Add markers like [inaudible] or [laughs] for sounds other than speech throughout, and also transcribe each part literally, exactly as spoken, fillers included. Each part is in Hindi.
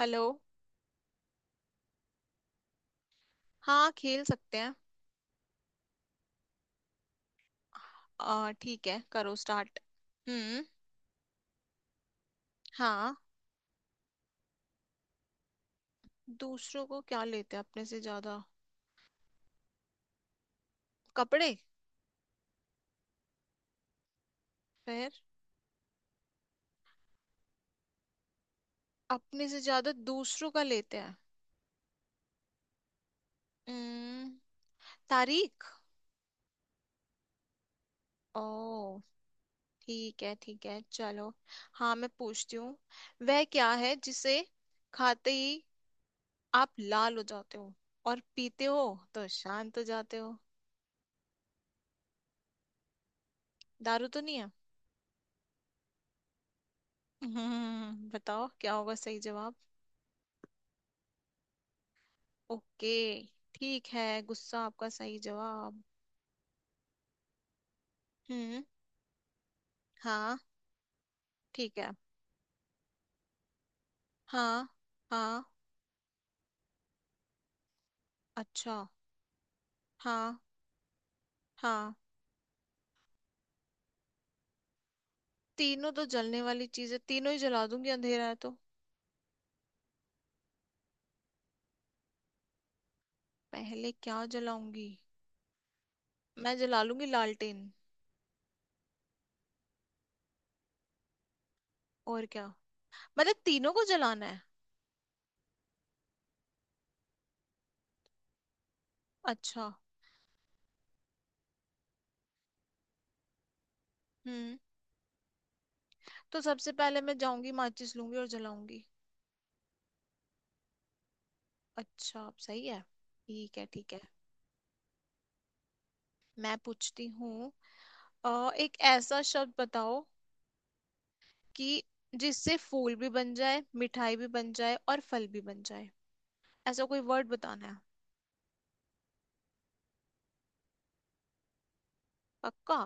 हेलो। हाँ, खेल सकते हैं। आ ठीक है, करो स्टार्ट। हम्म। हाँ। दूसरों को क्या लेते हैं अपने से ज्यादा? कपड़े। फिर? अपने से ज्यादा दूसरों का लेते हैं। हम्म। तारीख। ओ। ठीक है ठीक है चलो। हाँ मैं पूछती हूँ। वह क्या है जिसे खाते ही आप लाल हो जाते हो और पीते हो तो शांत हो जाते हो? दारू तो नहीं है। हम्म, बताओ क्या होगा सही जवाब। ओके। ठीक है, गुस्सा आपका सही जवाब। हम्म। हाँ। ठीक है। हाँ। हाँ। अच्छा। हाँ। हाँ। तीनों तो जलने वाली चीजें, तीनों ही जला दूंगी, अंधेरा है तो। पहले क्या जलाऊंगी? मैं जला लूंगी लालटेन। और क्या, मतलब तीनों को जलाना है? अच्छा। हम्म। तो सबसे पहले मैं जाऊंगी, माचिस लूंगी और जलाऊंगी। अच्छा, आप सही है। ठीक है ठीक है। मैं पूछती हूँ। अ, एक ऐसा शब्द बताओ कि जिससे फूल भी बन जाए, मिठाई भी बन जाए और फल भी बन जाए। ऐसा कोई वर्ड बताना है। पक्का?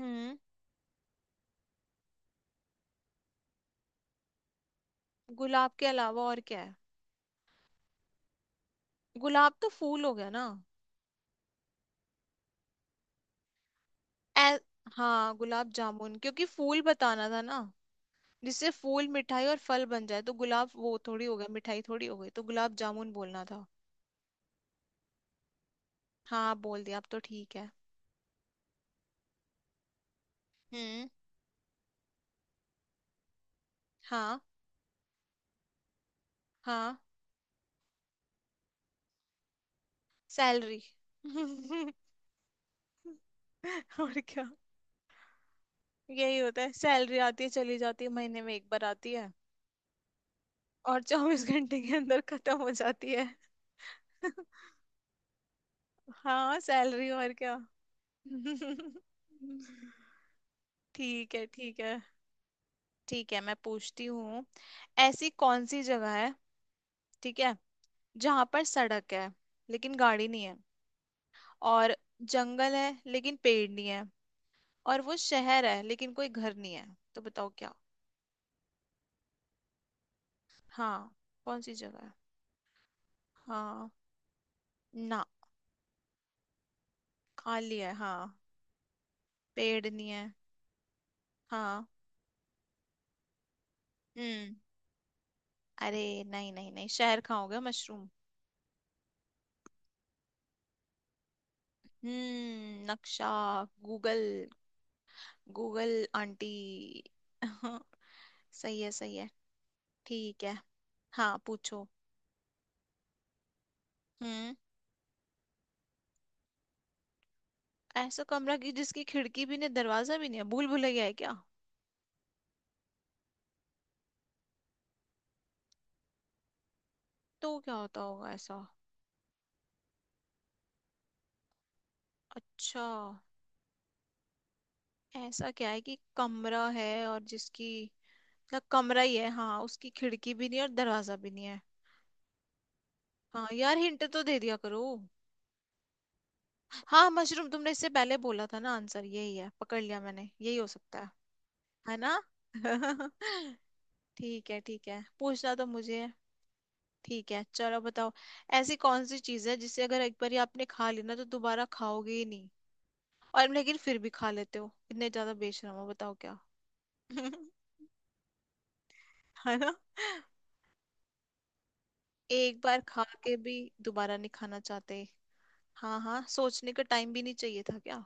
हम्म। गुलाब के अलावा और क्या है? गुलाब तो फूल हो गया ना। ए, हाँ गुलाब जामुन, क्योंकि फूल बताना था ना, जिससे फूल, मिठाई और फल बन जाए। तो गुलाब वो थोड़ी हो गया, मिठाई थोड़ी हो गई, तो गुलाब जामुन बोलना था। हाँ बोल दिया, अब तो ठीक है। हम्म। हाँ। हाँ, सैलरी। [laughs] और क्या, यही होता है सैलरी। आती है चली जाती है, महीने में एक बार आती है और चौबीस घंटे के अंदर खत्म हो जाती है। [laughs] हाँ सैलरी, और क्या। [laughs] ठीक है ठीक है। ठीक है मैं पूछती हूँ। ऐसी कौन सी जगह है, ठीक है, जहां पर सड़क है लेकिन गाड़ी नहीं है, और जंगल है लेकिन पेड़ नहीं है, और वो शहर है लेकिन कोई घर नहीं है? तो बताओ क्या। हाँ। कौन सी जगह है। हाँ। ना। खाली है हाँ। पेड़ नहीं है। हाँ। हम्म। अरे नहीं नहीं नहीं, शहर खाओगे मशरूम? हम्म, नक्शा। गूगल। गूगल। आंटी। [laughs] सही है सही है। ठीक है। हाँ पूछो। हम्म। ऐसा कमरा की जिसकी खिड़की भी नहीं, दरवाजा भी नहीं है? भूल भुलैया है क्या? तो क्या होता होगा ऐसा? अच्छा। ऐसा क्या है कि कमरा है और जिसकी, मतलब कमरा ही है हाँ, उसकी खिड़की भी नहीं और दरवाजा भी नहीं है। हाँ यार, हिंट तो दे दिया करो। हाँ, मशरूम तुमने इससे पहले बोला था ना, आंसर यही है, पकड़ लिया मैंने, यही हो सकता है। है ना। [laughs] ठीक है ठीक है, पूछना तो मुझे है। ठीक है चलो बताओ। ऐसी कौन सी चीज है जिसे अगर एक बार आपने खा ली ना, तो दोबारा खाओगे ही नहीं, और लेकिन फिर भी खा लेते हो, इतने ज्यादा बेशरम हो, बताओ क्या। [laughs] है ना, एक बार खा के भी दोबारा नहीं खाना चाहते। हाँ हाँ, सोचने का टाइम भी नहीं चाहिए था क्या,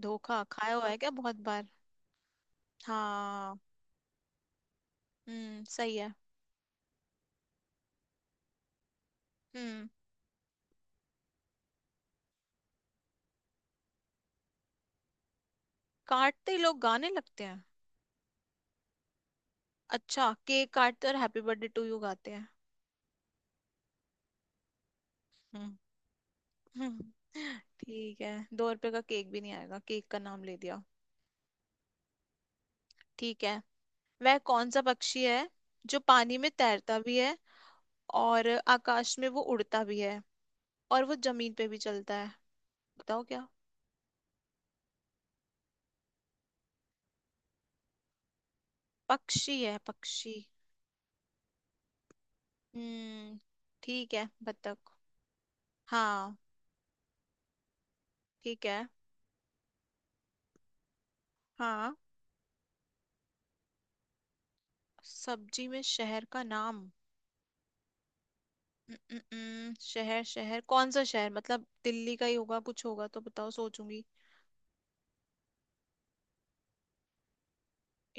धोखा खाया हुआ है क्या बहुत बार। हाँ। हम्म सही है। हम्म। काटते ही लोग गाने लगते हैं। अच्छा, केक काटते और हैप्पी बर्थडे टू यू गाते हैं। हम्म। हम्म। ठीक है, दो रुपए का केक भी नहीं आएगा, केक का नाम ले दिया। ठीक है। वह कौन सा पक्षी है जो पानी में तैरता भी है, और आकाश में वो उड़ता भी है, और वो जमीन पे भी चलता है? बताओ क्या। पक्षी है पक्षी। हम्म। ठीक है बत्तख। हाँ। ठीक है। हाँ। सब्जी में शहर का नाम? हम्म, शहर शहर कौन सा शहर, मतलब दिल्ली का ही होगा कुछ, होगा तो बताओ सोचूंगी।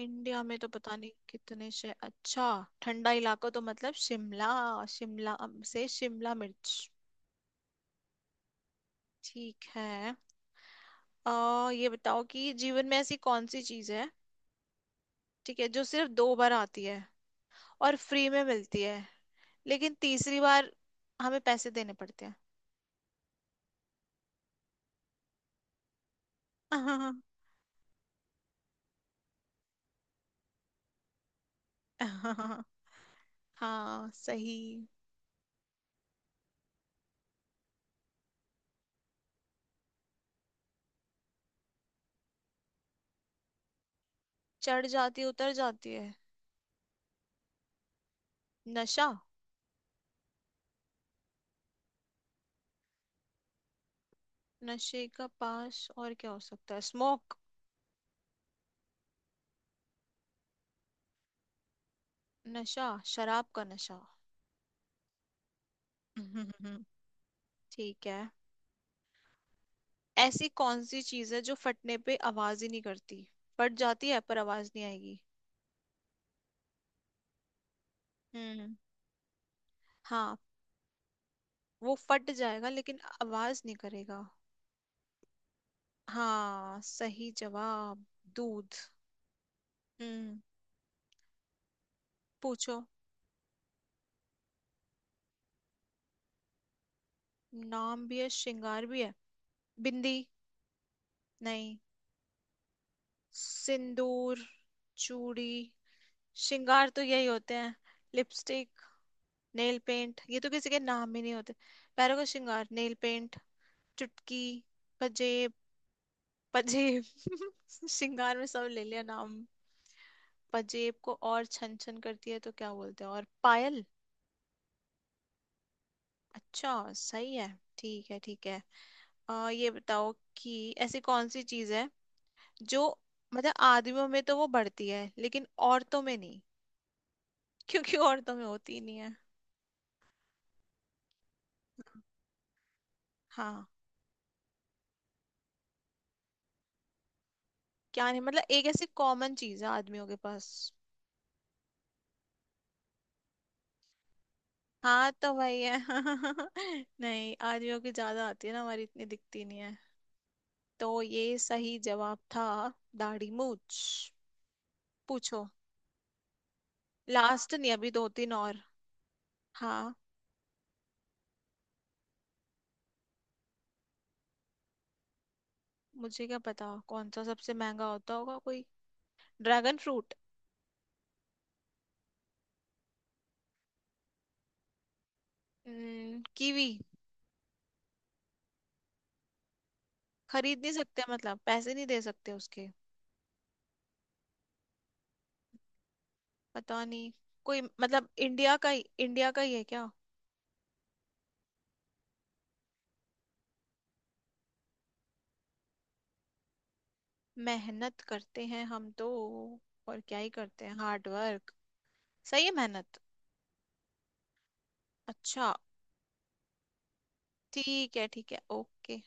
इंडिया में तो पता नहीं कितने शहर। अच्छा। ठंडा इलाका तो मतलब शिमला। शिमला अम, से शिमला मिर्च। ठीक है। आ, ये बताओ कि जीवन में ऐसी कौन सी चीज है, ठीक है, जो सिर्फ दो बार आती है और फ्री में मिलती है, लेकिन तीसरी बार हमें पैसे देने पड़ते हैं। [laughs] हाँ सही। चढ़ जाती है, उतर जाती है। नशा। नशे का पास और क्या हो सकता है, स्मोक? नशा, शराब का नशा। [laughs] ठीक है। ऐसी कौन सी चीज है जो फटने पे आवाज ही नहीं करती, फट जाती है पर आवाज नहीं आएगी। हम्म। हाँ। वो फट जाएगा लेकिन आवाज नहीं करेगा। हाँ सही जवाब, दूध। हम्म। पूछो। नाम भी है, श्रृंगार भी है। बिंदी। नहीं। सिंदूर। चूड़ी। श्रृंगार तो यही होते हैं। लिपस्टिक, नेल पेंट, ये तो किसी के नाम ही नहीं होते। पैरों का श्रृंगार नेल पेंट? चुटकी? पजेब। पजेब। [laughs] श्रृंगार में सब ले लिया नाम। पजेब को और, छन छन करती है तो क्या बोलते हैं, और पायल। अच्छा सही है। ठीक है ठीक है। आ, ये बताओ कि ऐसी कौन सी चीज है जो, मतलब आदमियों में तो वो बढ़ती है लेकिन औरतों में नहीं, क्योंकि औरतों में होती ही नहीं है। हाँ। क्या नहीं, मतलब एक ऐसी कॉमन चीज है आदमियों के पास। हाँ तो वही है। [laughs] नहीं, आदमियों की ज्यादा आती है ना, हमारी इतनी दिखती नहीं है, तो ये सही जवाब था, दाढ़ी मूछ। पूछो। लास्ट नहीं, अभी दो तीन और। हाँ। मुझे क्या पता कौन सा सबसे महंगा होता होगा, कोई ड्रैगन फ्रूट। हम्म, कीवी। खरीद नहीं सकते मतलब, पैसे नहीं दे सकते उसके? पता नहीं, कोई मतलब इंडिया का ही, इंडिया का ही है क्या? मेहनत करते हैं हम तो, और क्या ही करते हैं, हार्ड वर्क। सही है, मेहनत। अच्छा। ठीक है ठीक है ओके।